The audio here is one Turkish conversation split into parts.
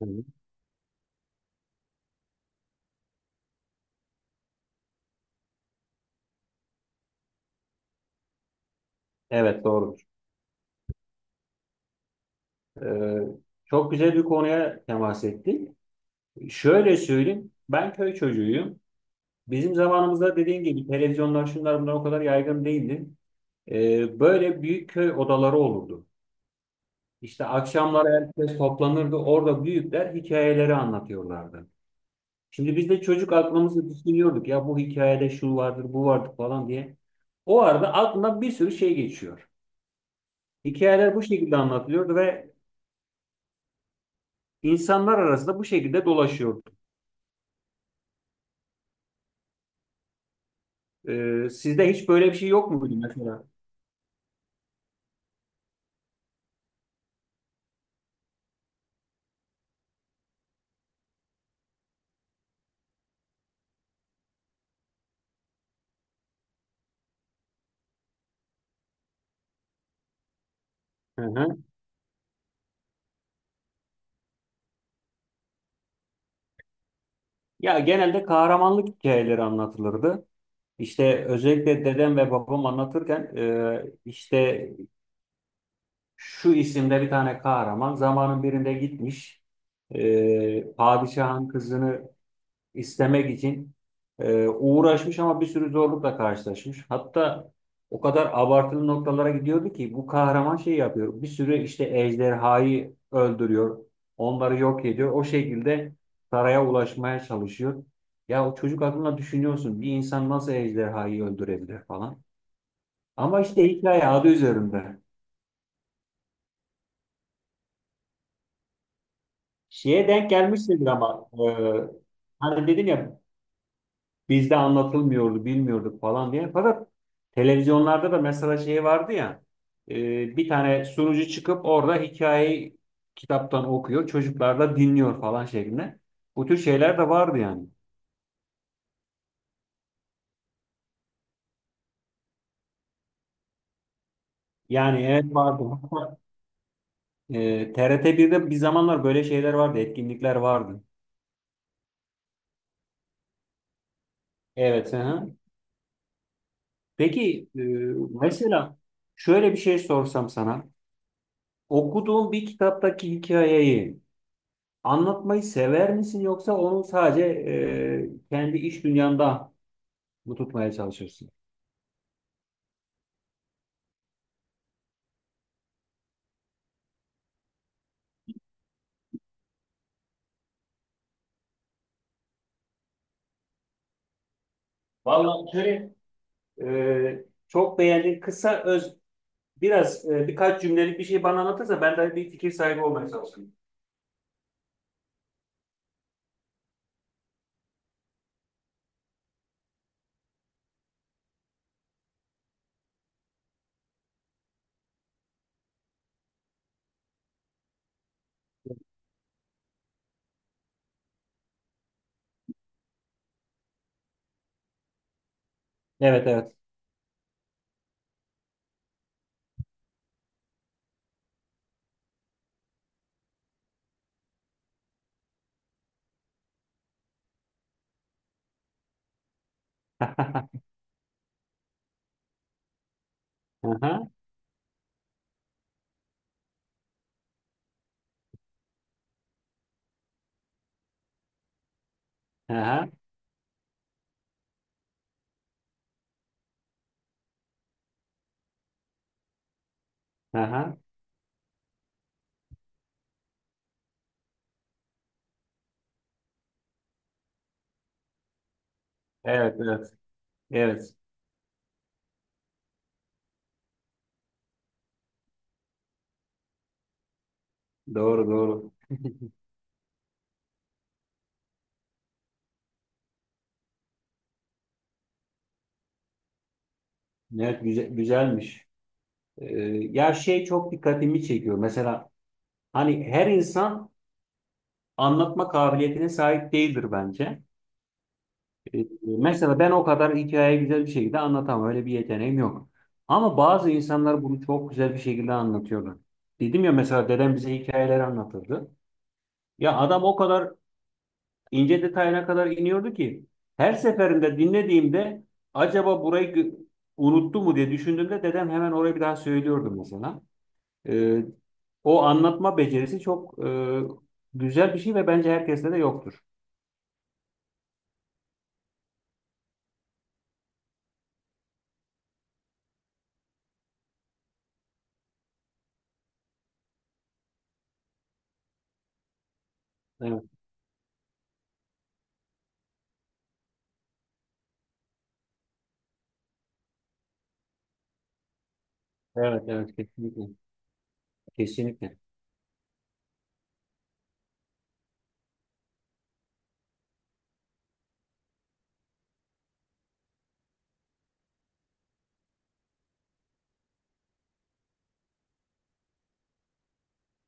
Hı hı. Evet, doğrudur. Ee, Çok güzel bir konuya temas ettik. Şöyle söyleyeyim, ben köy çocuğuyum. Bizim zamanımızda dediğim gibi televizyonlar şunlar bunlar o kadar yaygın değildi. Böyle büyük köy odaları olurdu. İşte akşamlar herkes toplanırdı. Orada büyükler hikayeleri anlatıyorlardı. Şimdi biz de çocuk aklımızı düşünüyorduk. Ya bu hikayede şu vardır, bu vardır falan diye. O arada aklına bir sürü şey geçiyor. Hikayeler bu şekilde anlatılıyordu ve insanlar arasında bu şekilde dolaşıyordu. Sizde hiç böyle bir şey yok muydu mesela? Hı hı. Ya genelde kahramanlık hikayeleri anlatılırdı. İşte özellikle dedem ve babam anlatırken işte şu isimde bir tane kahraman zamanın birinde gitmiş, padişahın kızını istemek için uğraşmış ama bir sürü zorlukla karşılaşmış. Hatta o kadar abartılı noktalara gidiyordu ki bu kahraman şey yapıyor. Bir sürü işte ejderhayı öldürüyor. Onları yok ediyor. O şekilde saraya ulaşmaya çalışıyor. Ya o çocuk aklına düşünüyorsun, bir insan nasıl ejderhayı öldürebilir falan. Ama işte hikaye adı üzerinde. Şeye denk gelmişsindir ama hani dedim ya bizde anlatılmıyordu, bilmiyorduk falan diye. Fakat televizyonlarda da mesela şey vardı ya, bir tane sunucu çıkıp orada hikayeyi kitaptan okuyor, çocuklar da dinliyor falan şeklinde. Bu tür şeyler de vardı yani. Yani evet vardı. Hatta TRT1'de bir zamanlar böyle şeyler vardı, etkinlikler vardı. Evet. Hı hı. Peki mesela şöyle bir şey sorsam sana. Okuduğun bir kitaptaki hikayeyi anlatmayı sever misin, yoksa onu sadece kendi iş dünyanda mı tutmaya çalışırsın? Vallahi şöyle, çok beğendiğin kısa öz, biraz birkaç cümlelik bir şey bana anlatırsa ben de bir fikir sahibi olmaya çalışayım. Evet, evet. Aha, aha, aha. Evet, evet. Evet. Doğru, doğru. Evet, güzel, güzelmiş. E, Ya şey çok dikkatimi çekiyor. Mesela hani her insan anlatma kabiliyetine sahip değildir bence. Mesela ben o kadar hikayeyi güzel bir şekilde anlatamam. Öyle bir yeteneğim yok. Ama bazı insanlar bunu çok güzel bir şekilde anlatıyorlar. Dedim ya, mesela dedem bize hikayeleri anlatırdı. Ya adam o kadar ince detayına kadar iniyordu ki her seferinde dinlediğimde acaba burayı unuttu mu diye düşündüğümde dedem hemen orayı bir daha söylüyordu mesela. E, O anlatma becerisi çok güzel bir şey ve bence herkeste de yoktur. Evet, evet, evet, kesinlikle. Kesinlikle.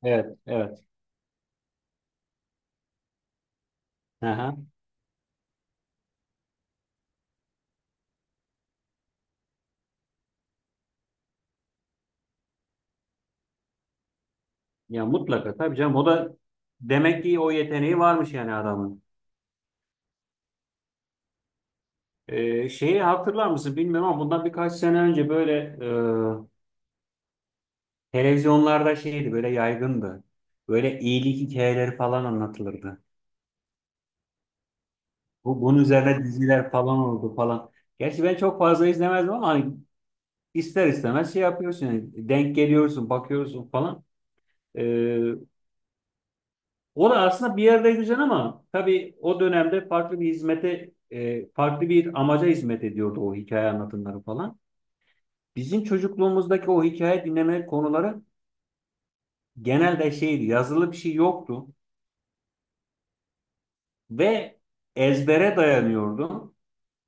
Evet, evet. Aha. Ya mutlaka tabii canım, o da demek ki o yeteneği varmış yani adamın. Şeyi hatırlar mısın bilmiyorum ama bundan birkaç sene önce böyle televizyonlarda şeydi, böyle yaygındı. Böyle iyilik hikayeleri falan anlatılırdı. Bunun üzerine diziler falan oldu falan. Gerçi ben çok fazla izlemezdim ama hani ister istemez şey yapıyorsun yani, denk geliyorsun, bakıyorsun falan. Ee, O da aslında bir yerde güzel ama tabii o dönemde farklı bir hizmete, farklı bir amaca hizmet ediyordu o hikaye anlatımları falan. Bizim çocukluğumuzdaki o hikaye dinleme konuları genelde şeydi, yazılı bir şey yoktu ve ezbere dayanıyordu.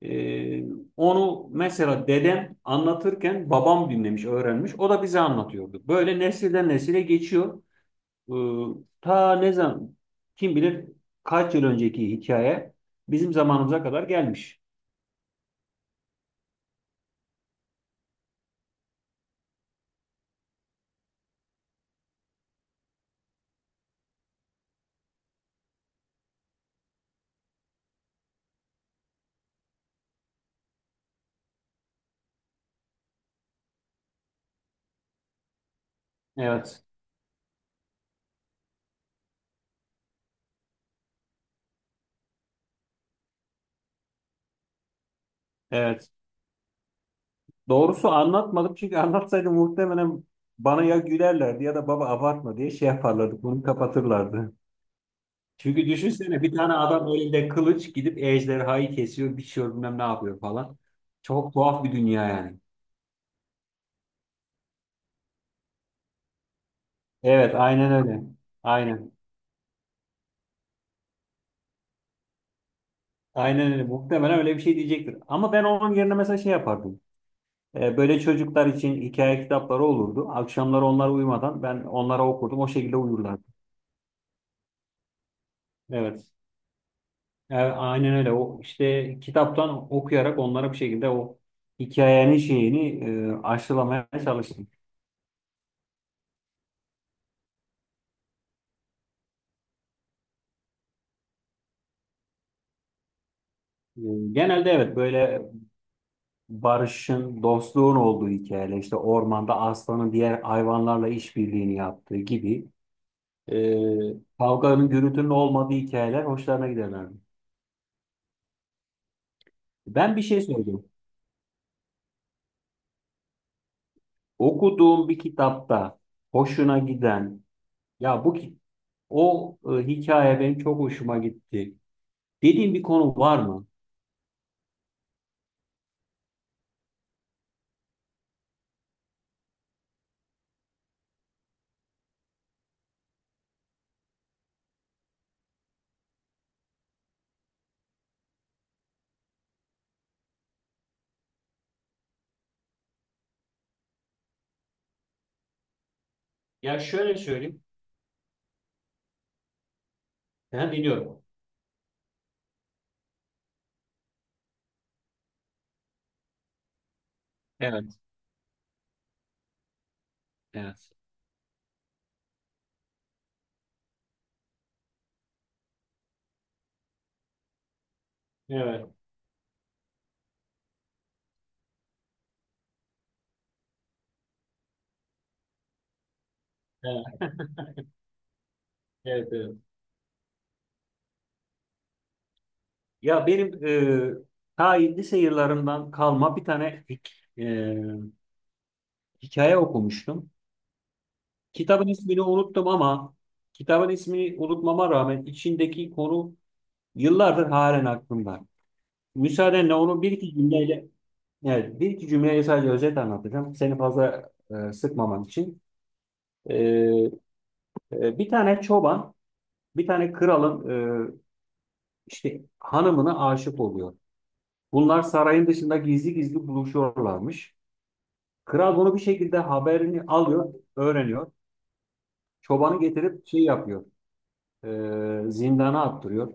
E, Onu mesela dedem anlatırken babam dinlemiş, öğrenmiş, o da bize anlatıyordu. Böyle nesilden nesile geçiyor. Iı, Ta ne zaman, kim bilir kaç yıl önceki hikaye bizim zamanımıza kadar gelmiş. Evet. Evet. Doğrusu anlatmadım, çünkü anlatsaydım muhtemelen bana ya gülerlerdi ya da baba abartma diye şey yaparlardı. Bunu kapatırlardı. Çünkü düşünsene, bir tane adam elinde kılıç gidip ejderhayı kesiyor, biçiyor, bilmem ne yapıyor falan. Çok tuhaf bir dünya yani. Evet, aynen öyle. Aynen. Aynen öyle. Muhtemelen öyle bir şey diyecektir. Ama ben onun yerine mesela şey yapardım. Böyle çocuklar için hikaye kitapları olurdu. Akşamları onlar uyumadan ben onlara okurdum. O şekilde uyurlardı. Evet. Aynen öyle. O işte kitaptan okuyarak onlara bir şekilde o hikayenin şeyini aşılamaya çalıştım. E, Genelde evet, böyle barışın, dostluğun olduğu hikayeler, işte ormanda aslanın diğer hayvanlarla işbirliğini yaptığı gibi, e, kavganın, gürültünün olmadığı hikayeler hoşlarına giderlerdi. Ben bir şey söyleyeceğim. Okuduğum bir kitapta hoşuna giden, ya bu ki- o hikaye benim çok hoşuma gitti, dediğin bir konu var mı? Ya şöyle söyleyeyim. Ben dinliyorum. Evet. Evet. Evet, evet, evet, evet. Ya benim e, ta lise yıllarından kalma bir tane e, hikaye okumuştum. Kitabın ismini unuttum ama kitabın ismini unutmama rağmen içindeki konu yıllardır halen aklımda. Müsaadenle onu bir iki cümleyle. Evet, bir iki cümleyi sadece özet anlatacağım. Seni fazla sıkmaman için. E, Bir tane çoban, bir tane kralın e, işte hanımına aşık oluyor. Bunlar sarayın dışında gizli gizli buluşuyorlarmış. Kral bunu bir şekilde haberini alıyor, öğreniyor. Çobanı getirip şey yapıyor, zindana attırıyor.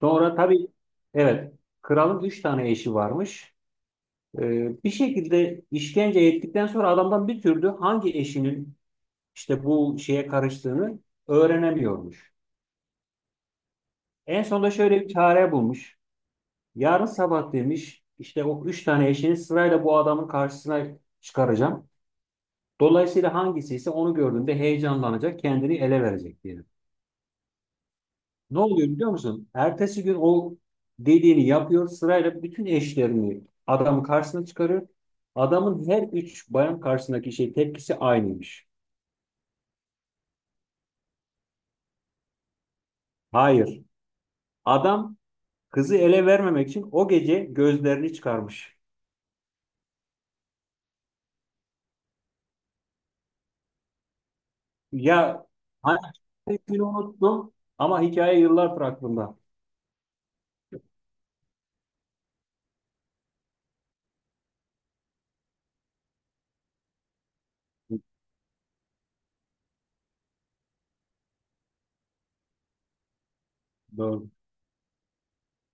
Sonra tabii, evet, kralın 3 tane eşi varmış. Bir şekilde işkence ettikten sonra adamdan bir türlü hangi eşinin işte bu şeye karıştığını öğrenemiyormuş. En sonunda şöyle bir çare bulmuş. Yarın sabah demiş, işte o 3 tane eşini sırayla bu adamın karşısına çıkaracağım. Dolayısıyla hangisi ise onu gördüğünde heyecanlanacak, kendini ele verecek diyelim. Ne oluyor biliyor musun? Ertesi gün o dediğini yapıyor. Sırayla bütün eşlerini adamın karşısına çıkarıyor. Adamın her 3 bayan karşısındaki şey tepkisi aynıymış. Hayır. Adam kızı ele vermemek için o gece gözlerini çıkarmış. Ya hangi, ismini unuttum ama hikaye yıllardır aklımda. Doğru.